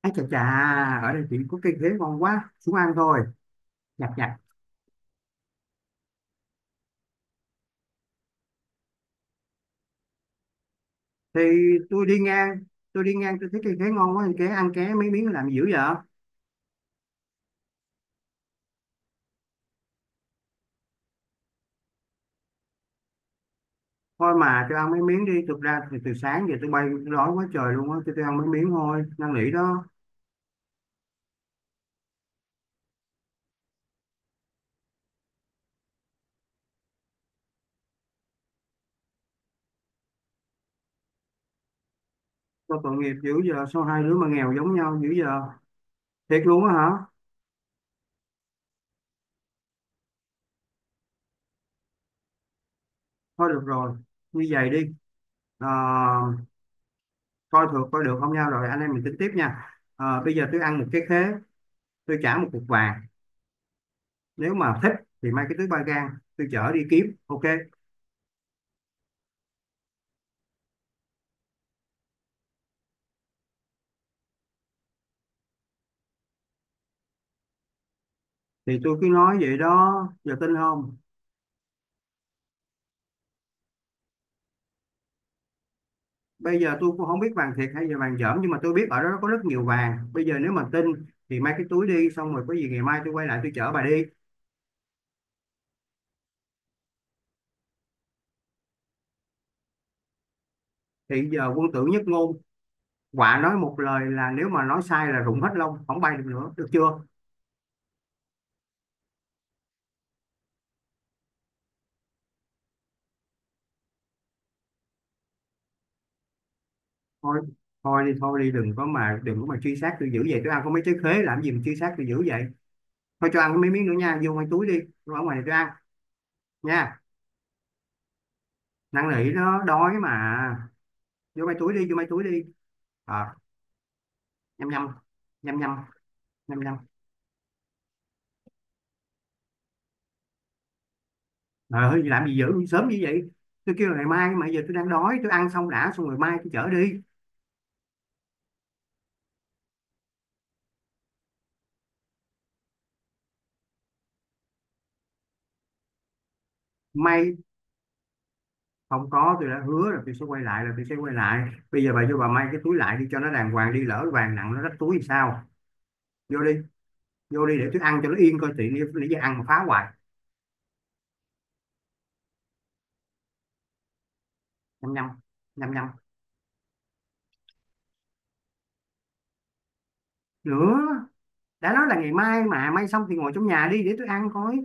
Ăn chà chà, ở đây chỉ có cây khế ngon quá, xuống ăn thôi, nhặt nhặt. Thì tôi đi ngang, tôi thấy cây khế ngon quá, thì ké ăn ké mấy miếng làm gì dữ vậy? Thôi mà tôi ăn mấy miếng đi, thực ra thì từ sáng giờ tôi bay tôi đói quá trời luôn á, tôi ăn mấy miếng thôi, năn nỉ đó. Tôi tội nghiệp dữ giờ, sao hai đứa mà nghèo giống nhau dữ giờ? Thiệt luôn á hả? Thôi được rồi, như vậy đi. Ờ, coi thường coi được không nhau rồi anh em mình tính tiếp nha. Ờ, bây giờ tôi ăn một cái khế, tôi trả một cục vàng. Nếu mà thích thì mang cái túi ba gang tôi chở đi kiếm, ok? Thì tôi cứ nói vậy đó, giờ tin không? Bây giờ tôi cũng không biết vàng thiệt hay là vàng dởm, nhưng mà tôi biết ở đó có rất nhiều vàng. Bây giờ nếu mà tin thì mang cái túi đi, xong rồi có gì ngày mai tôi quay lại tôi chở bà đi. Thì giờ quân tử nhất ngôn, quả nói một lời, là nếu mà nói sai là rụng hết lông không bay được nữa, được chưa? Thôi thôi đi thôi đi, đừng có mà truy sát tôi dữ vậy, tôi ăn có mấy trái khế làm gì mà truy sát tôi dữ vậy? Thôi cho ăn có mấy miếng nữa nha, vô ngoài túi đi, tôi ở ngoài này tôi ăn nha. Năn nỉ, nó đói mà. Vô mấy túi đi. Ờ, nhăm nhăm. Nhăm nhăm. Nhăm nhăm. Ờ, làm gì dữ sớm như vậy, tôi kêu là ngày mai mà, giờ tôi đang đói tôi ăn xong đã, xong rồi mai tôi chở đi. May, không có, tôi đã hứa là tôi sẽ quay lại là tôi sẽ quay lại. Bây giờ bà vô bà may cái túi lại đi cho nó đàng hoàng đi, lỡ vàng nặng nó rách túi thì sao? Vô đi vô đi để tôi ăn cho nó yên coi tiện đi, nãy giờ ăn mà phá hoài. Nhăm nhăm. Nhăm nhăm. Nữa? Đã nói là ngày mai mà, may xong thì ngồi trong nhà đi để tôi ăn coi.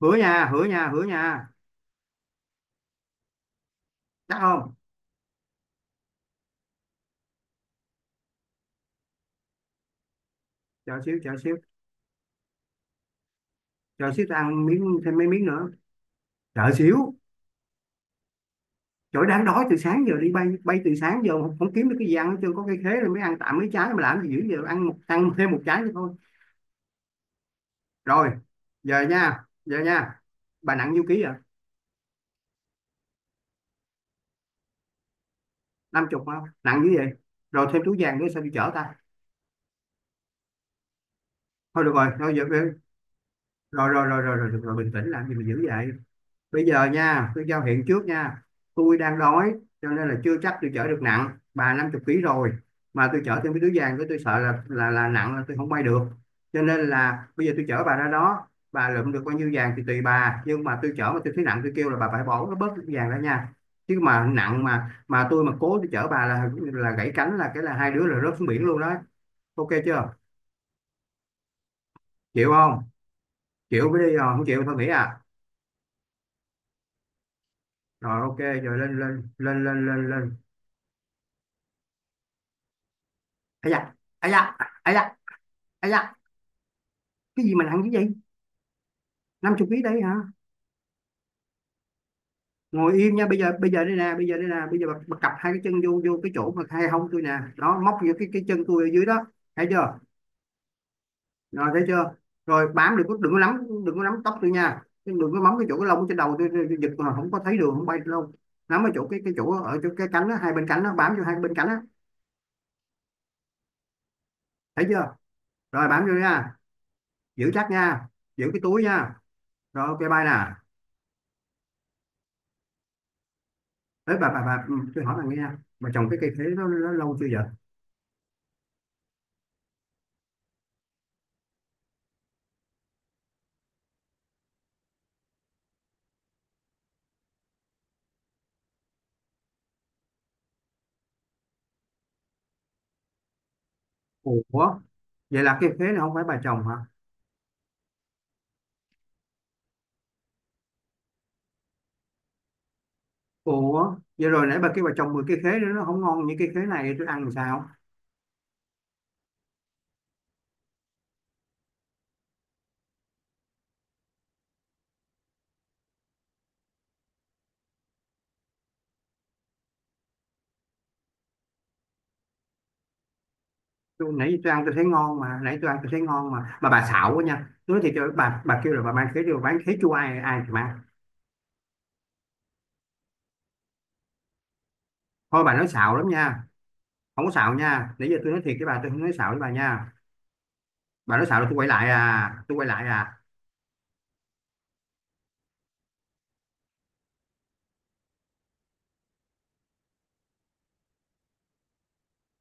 Hứa nha, hứa nha, hứa nha. Chắc không? Chờ xíu, chờ xíu, chờ xíu ta ăn miếng, thêm mấy miếng nữa. Chờ xíu. Trời, đang đói từ sáng giờ, đi bay bay từ sáng giờ không kiếm được cái gì ăn hết trơn, có cây khế rồi mới ăn tạm mấy trái mà làm gì dữ giờ, ăn một, ăn thêm một trái nữa thôi. Rồi, giờ nha, giờ nha, bà nặng nhiêu ký vậy? Năm chục không nặng như vậy, rồi thêm túi vàng nữa sao đi chở ta? Thôi được rồi, thôi giờ rồi. Rồi, được rồi rồi, bình tĩnh làm gì mà dữ vậy? Bây giờ nha, tôi giao hẹn trước nha, tôi đang đói, cho nên là chưa chắc tôi chở được, nặng bà 50 ký rồi mà tôi chở thêm cái túi vàng cái tôi sợ là nặng là tôi không bay được. Cho nên là bây giờ tôi chở bà ra đó, bà lượm được bao nhiêu vàng thì tùy bà, nhưng mà tôi chở mà tôi thấy nặng tôi kêu là bà phải bỏ bớt cái vàng ra nha, chứ mà nặng mà tôi mà cố tôi chở bà là gãy cánh là cái là hai đứa là rớt xuống biển luôn đó. Ok chưa? Chịu không? Chịu mới đi, rồi không chịu thôi nghỉ à. Rồi ok, rồi lên lên lên lên lên lên. Ấy da. Ấy da. Ấy da. À dạ, cái gì mà nặng cái gì? 50 ký đấy hả? Ngồi im nha, bây giờ đây nè, bây giờ đây nè, bây giờ bà cặp hai cái chân vô vô cái chỗ mà hai hông tôi nè. Đó, móc vô cái chân tôi ở dưới đó. Thấy chưa? Rồi thấy chưa? Rồi bám được, có đừng có nắm, đừng có nắm tóc tôi nha. Đừng có móng cái chỗ cái lông trên đầu tôi, tôi giật mà không có thấy đường không bay được đâu. Nắm ở chỗ cái chỗ ở chỗ cái cánh đó, hai bên cánh đó, bám vô hai bên cánh đó. Thấy chưa? Rồi bám vô nha. Giữ chắc nha. Giữ cái túi nha. Rồi ok, bye nè. Đấy bà ừ, tôi hỏi bà nghe nha. Bà trồng cái cây khế nó lâu chưa vậy? Ủa, vậy là cái khế này không phải bà trồng hả? Ủa vậy rồi nãy bà kêu bà trồng 10 cái khế nữa nó không ngon như cái khế này tôi ăn làm sao? Tôi, nãy tôi ăn tôi thấy ngon mà nãy tôi ăn tôi thấy ngon mà, bà xạo quá nha, tôi nói thiệt cho bà kêu là bà mang khế đi bà bán khế chua ai ai thì mang. Thôi bà nói xạo lắm nha, không có xạo nha, nãy giờ tôi nói thiệt với bà tôi không nói xạo với bà nha. Bà nói xạo là tôi quay lại à, tôi quay lại à.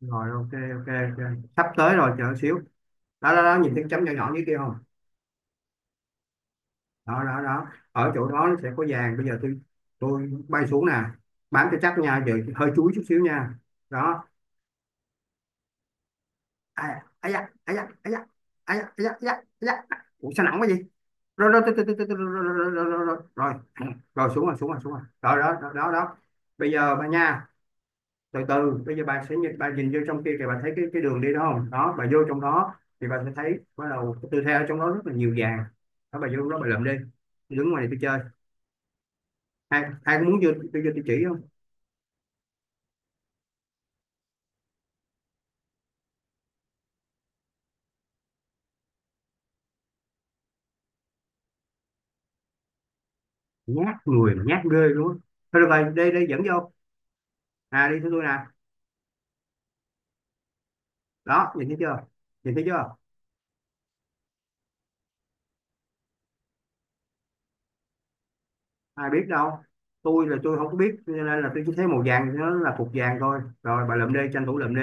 Rồi ok ok ok sắp tới rồi, chờ xíu. Đó đó đó, nhìn thấy cái chấm nhỏ nhỏ dưới kia không? Đó đó đó, ở chỗ đó nó sẽ có vàng, bây giờ tôi bay xuống nè, bám cho chắc nha, giờ hơi chúi chút xíu nha. Đó. À, à da, à da, à da, à da, à da, à da, à da. Ủa sao nặng quá gì. Rồi rồi rồi rồi rồi rồi rồi rồi rồi rồi xuống rồi, xuống rồi, xuống rồi, rồi đó đó đó đó. Bây giờ bà nha, từ từ, bây giờ bà sẽ nhìn, bà nhìn vô trong kia kìa, bà thấy cái đường đi đó không? Đó bà vô trong đó thì bà sẽ thấy bắt đầu cái tư thế ở trong đó rất là nhiều vàng. Đó bà vô đó bà lượm đi, đứng ngoài này tôi chơi. Ai ai có muốn vô tôi chỉ không? Nhát người mà nhát ghê luôn á. Thôi được rồi, đi đi dẫn vô. À, đi theo tôi nè. Đó, nhìn thấy chưa? Nhìn thấy chưa? Ai biết đâu, tôi là tôi không có biết, cho nên là tôi chỉ thấy màu vàng nó là phục vàng thôi, rồi bà lượm đi, tranh thủ lượm đi.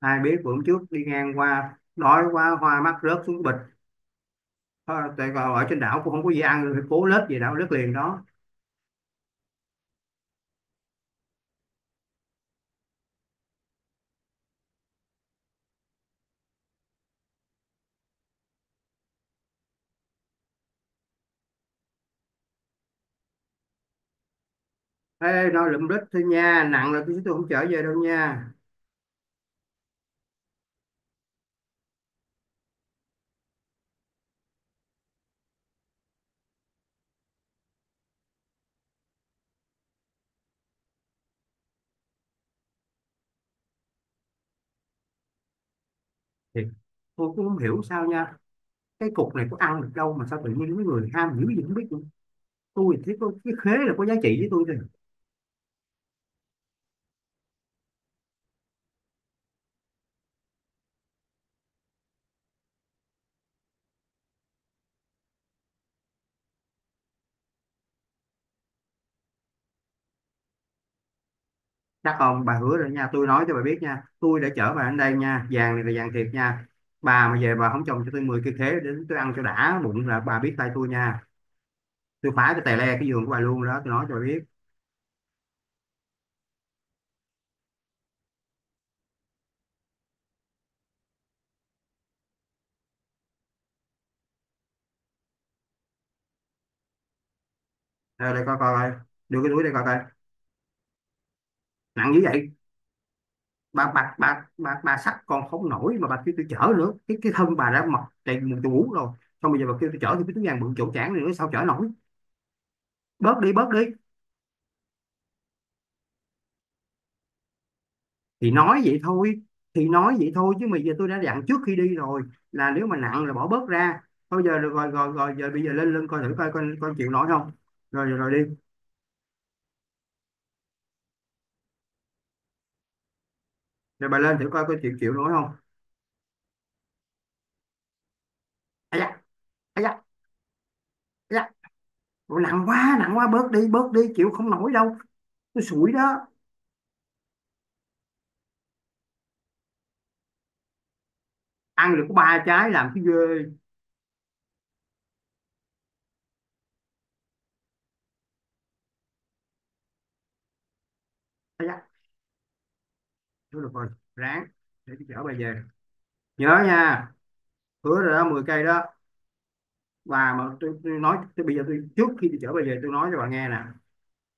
Ai biết, bữa hôm trước đi ngang qua đói quá hoa mắt rớt xuống bịch. Thôi, tại còn ở trên đảo cũng không có gì ăn, rồi cố lết về đảo lết liền đó. Ê, nó lượm lết thôi nha, nặng là tôi không trở về đâu nha. Thì tôi cũng không hiểu sao nha, cái cục này có ăn được đâu mà sao tự nhiên mấy người ham dữ gì không biết, tôi thì có cái khế là có giá trị với tôi thôi. Chắc không? Bà hứa rồi nha, tôi nói cho bà biết nha, tôi đã chở bà đến đây nha, vàng này là vàng thiệt nha. Bà mà về bà không trồng cho tôi 10 cây khế đến tôi ăn cho đã bụng là bà biết tay tôi nha, tôi phá cho tè le cái giường của bà luôn đó, tôi nói cho bà biết. Đây, đây coi coi coi. Đưa cái túi đây coi coi nặng như vậy. Bà xách còn không nổi mà bà kêu tôi chở nữa, cái thân bà đã mọc đầy mù chù rồi, xong bây giờ bà kêu tôi chở thì cái túi vàng bự chỗ chảng này nữa sao chở nổi? Bớt đi, bớt đi. thì nói vậy thôi thì nói vậy thôi, chứ mà giờ tôi đã dặn trước khi đi rồi là nếu mà nặng là bỏ bớt ra. Thôi giờ được rồi rồi rồi, giờ bây giờ lên lên coi thử coi con chịu nổi không. Rồi rồi, rồi đi. Rồi bà lên thử coi coi chịu chịu nổi không. Ai da. Ai da. Ai da. Ủa, nặng quá, nặng quá, bớt đi, bớt đi, chịu không nổi đâu, tôi sủi đó. Ăn được có ba trái làm cái ghê. Ai da. Thôi được rồi, ráng, để tôi chở bà về, nhớ nha, hứa rồi đó, 10 cây đó. Và mà tôi nói, bây giờ tôi, trước khi tôi chở bà về tôi nói cho bà nghe nè,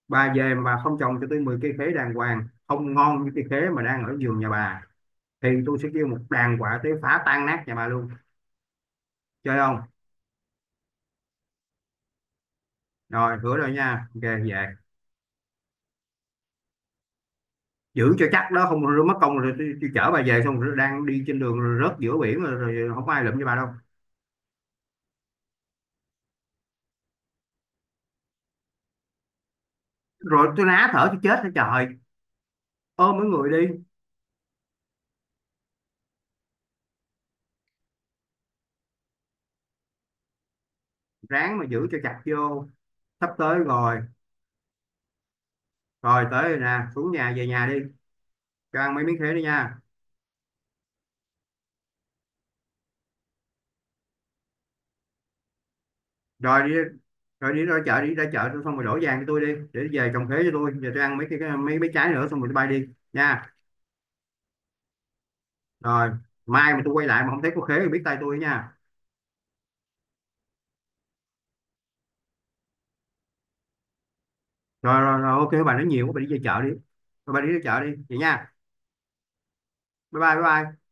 bà về mà bà không trồng cho tôi 10 cây khế đàng hoàng không ngon như cây khế mà đang ở vườn nhà bà thì tôi sẽ kêu một đàn quả tới phá tan nát nhà bà luôn. Chơi không? Rồi hứa rồi nha, ok về. Giữ cho chắc đó, không mất công rồi tôi chở bà về xong rồi đang đi trên đường rồi rớt giữa biển rồi, rồi không có ai lụm cho bà đâu. Rồi tôi ná thở tôi chết hết trời, ôm mấy người đi. Ráng mà giữ cho chặt vô, sắp tới rồi. Rồi tới rồi nè, xuống nhà, về nhà đi. Cho ăn mấy miếng khế đi nha. Rồi đi, rồi đi ra chợ, đi ra chợ xong rồi đổ vàng cho tôi đi, để về trồng khế cho tôi. Giờ tôi ăn mấy mấy mấy trái nữa xong rồi tôi bay đi nha. Rồi, mai mà tôi quay lại mà không thấy có khế thì biết tay tôi nha. Rồi rồi, rồi ok, bà nói nhiều quá, bà đi về chợ đi. Rồi bà đi ra chợ đi vậy nha. Bye bye bye bye.